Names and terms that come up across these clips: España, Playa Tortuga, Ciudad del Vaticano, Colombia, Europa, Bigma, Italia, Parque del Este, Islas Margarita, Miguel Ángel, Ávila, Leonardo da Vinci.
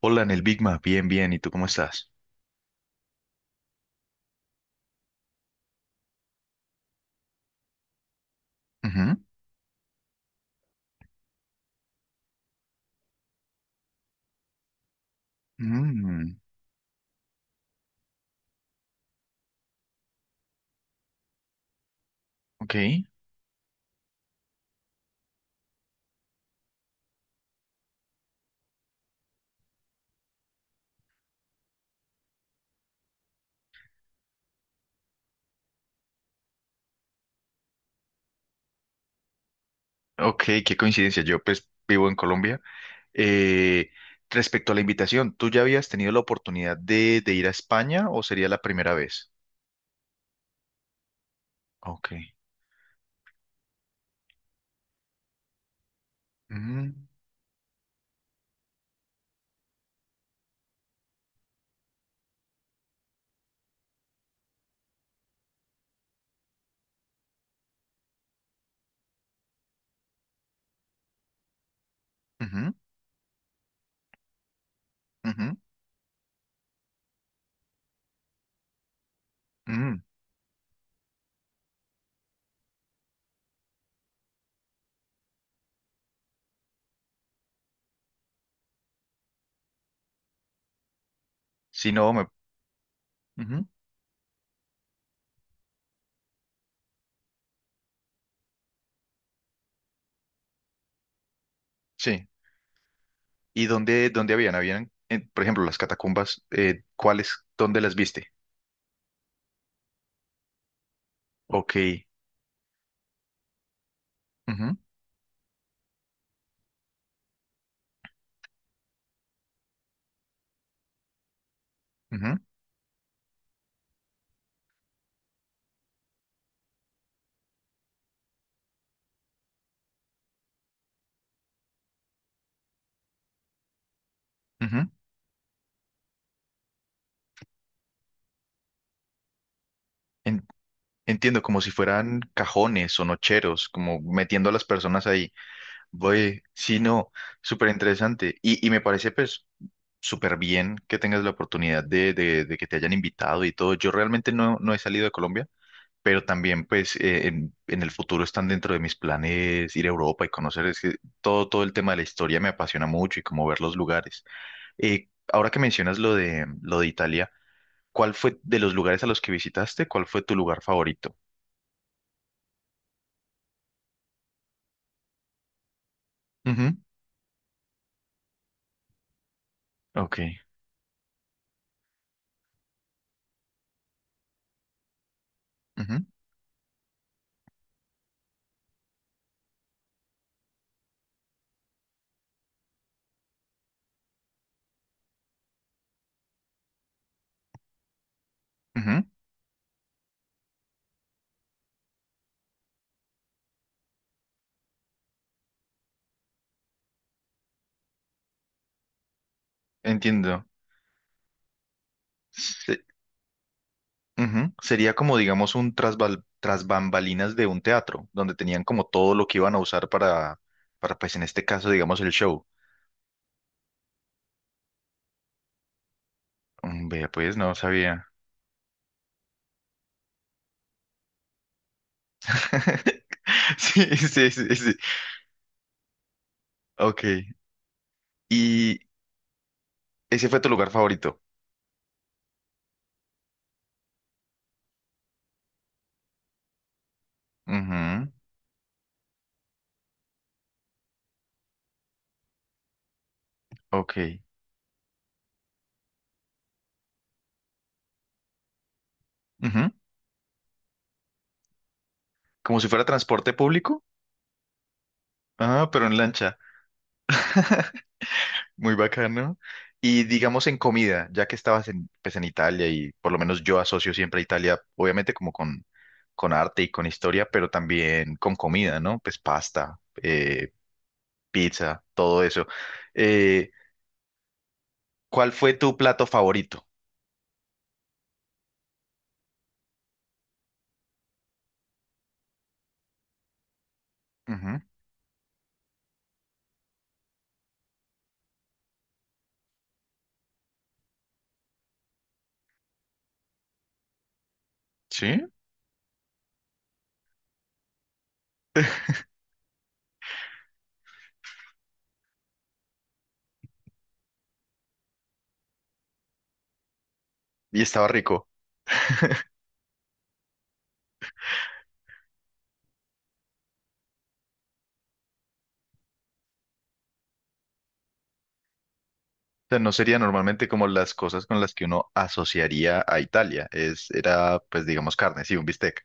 Hola, en el Bigma, bien, bien, ¿y tú cómo estás? Ujú. Mm, ok, ok, qué coincidencia, yo pues vivo en Colombia. Eh, Respecto a la invitación, ¿tú ya habías tenido la oportunidad de ir a España o sería la primera vez? Ok. Mm, ujú, ujú, mm. Sí, no, ujú, Sí. ¿Y dónde, dónde habían? Habían, por ejemplo, las catacumbas, ¿cuáles? ¿Dónde las viste? Ok. Ujú, ujú, ujú. En- Entiendo, como si fueran cajones o nocheros, como metiendo a las personas ahí. Voy, sí, no, súper interesante. Y me parece pues súper bien que tengas la oportunidad de que te hayan invitado y todo. Yo realmente no, no he salido de Colombia, pero también pues en el futuro están dentro de mis planes ir a Europa y conocer es que todo, todo el tema de la historia me apasiona mucho y como ver los lugares. Ahora que mencionas lo de Italia, ¿cuál fue de los lugares a los que visitaste? ¿Cuál fue tu lugar favorito? Ujú, Ok. Ujú, ujú, Entiendo. Se- Ujú, sería como, digamos, un tras bambalinas de un teatro, donde tenían como todo lo que iban a usar para pues en este caso, digamos, el show. Mm, vea, pues no sabía. Sí, sí, sí, sí. Ok. ¿Y ese fue tu lugar favorito? Ujú, Ok. Ujú. ¿Como si fuera transporte público? Ah, pero en lancha. Muy bacano. Y digamos en comida, ya que estabas en, pues, en Italia y por lo menos yo asocio siempre a Italia, obviamente con arte y con historia, pero también con comida, ¿no? Pues pasta, pizza, todo eso. Eh, ¿Cuál fue tu plato favorito? Ujú, sí, y estaba rico. O sea, no sería normalmente como las cosas con las que uno asociaría a Italia. Era, pues digamos, carne, sí, un bistec.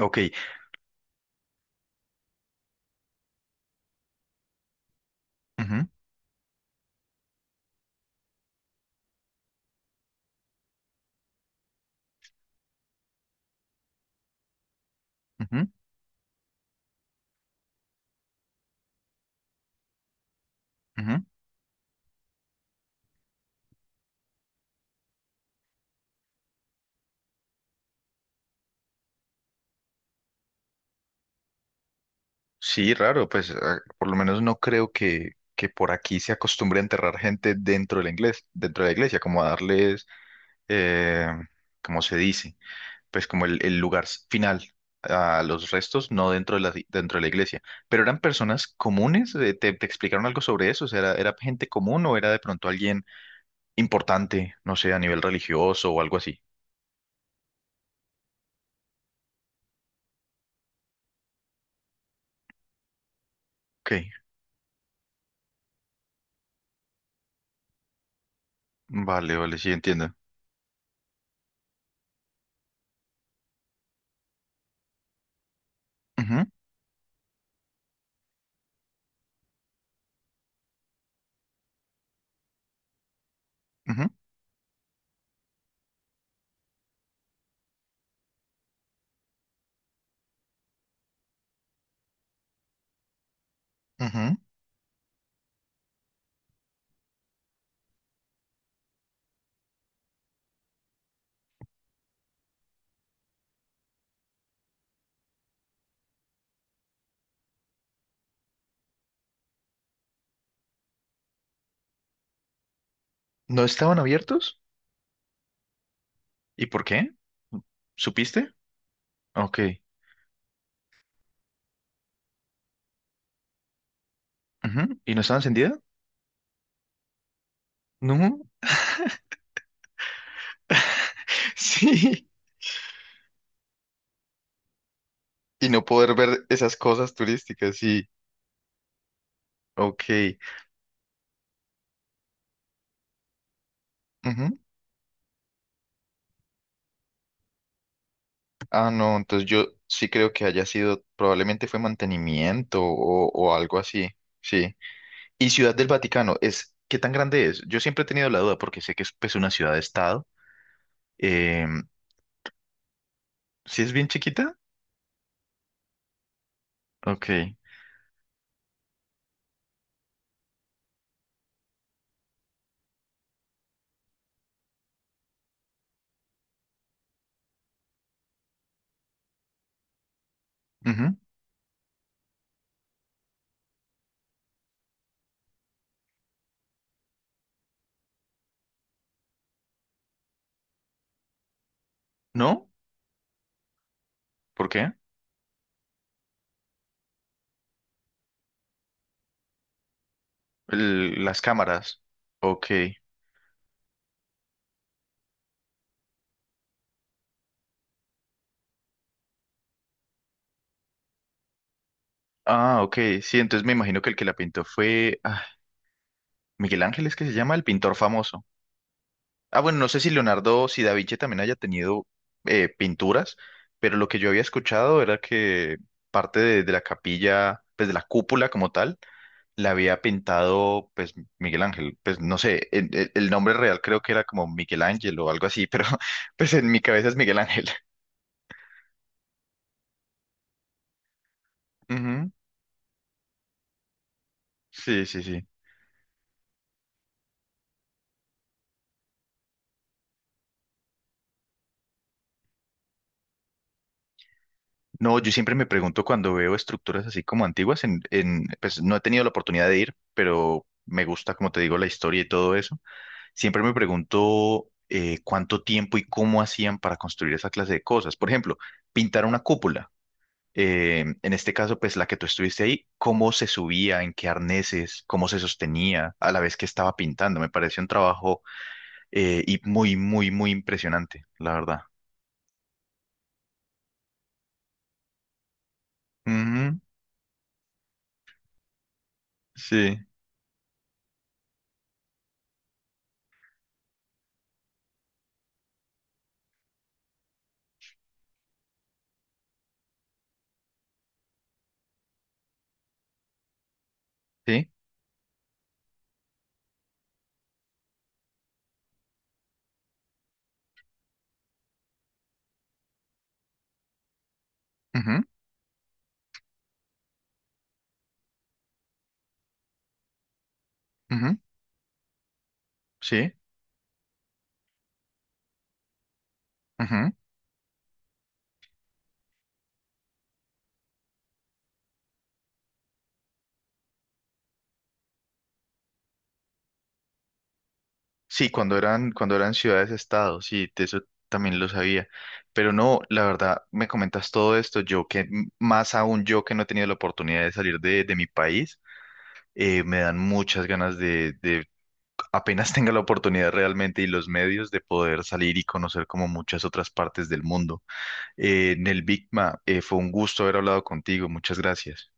Ok. Ujú, ujú, ujú. Sí, raro, pues ah, por lo menos no creo que por aquí se acostumbre a enterrar gente dentro de la iglesia, dentro de la iglesia, como a darles, eh, como se dice, pues como el lugar final a los restos, no dentro de dentro de la iglesia. Pero eran personas comunes, ¿te, te explicaron algo sobre eso? O sea, ¿era, era gente común o era de pronto alguien importante, no sé, a nivel religioso o algo así? Ok, vale, vale, sí entiendo. Ujú, ujú, ujú. ¿No estaban abiertos? ¿Y por qué? ¿Supiste? Ok. Ujú. ¿Y no estaba encendida? No. Sí. Y no poder ver esas cosas turísticas, sí. Ok. Ujú. Ah, no, entonces yo sí creo que haya sido, probablemente fue mantenimiento o algo así. Sí. ¿Y Ciudad del Vaticano es, qué tan grande es? Yo siempre he tenido la duda porque sé que es pues una ciudad de estado. Em, ¿sí es bien chiquita? Ok. Ujú. ¿No? ¿Por qué? Las cámaras. Ok. Ah, ok, sí, entonces me imagino que el que la pintó fue ah, Miguel Ángel, es que se llama el pintor famoso. Ah, bueno, no sé si Leonardo, si Da Vinci también haya tenido pinturas, pero lo que yo había escuchado era que parte de la capilla, pues de la cúpula como tal, la había pintado pues Miguel Ángel, pues no sé, el nombre real creo que era como Miguel Ángel o algo así, pero pues en mi cabeza es Miguel Ángel. Ujú, sí, sí, sí. No, yo siempre me pregunto cuando veo estructuras así como antiguas, pues no he tenido la oportunidad de ir, pero me gusta, como te digo, la historia y todo eso. Siempre me pregunto cuánto tiempo y cómo hacían para construir esa clase de cosas. Por ejemplo, pintar una cúpula. En este caso, pues la que tú estuviste ahí, cómo se subía, en qué arneses, cómo se sostenía a la vez que estaba pintando. Me pareció un trabajo y muy, muy, muy impresionante, la verdad. Ujú, sí, sí, ujú, ujú, sí. Ujú. Sí, cuando eran ciudades-estados, sí, de eso también lo sabía. Pero no, la verdad, me comentas todo esto, yo más aún yo que no he tenido la oportunidad de salir de mi país, me dan muchas ganas de apenas tenga la oportunidad realmente y los medios de poder salir y conocer como muchas otras partes del mundo. Nel Bigma, fue un gusto haber hablado contigo, muchas gracias.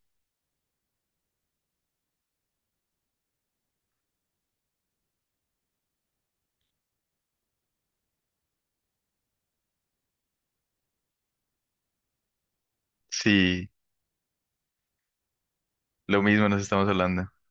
Sí, lo mismo nos estamos hablando.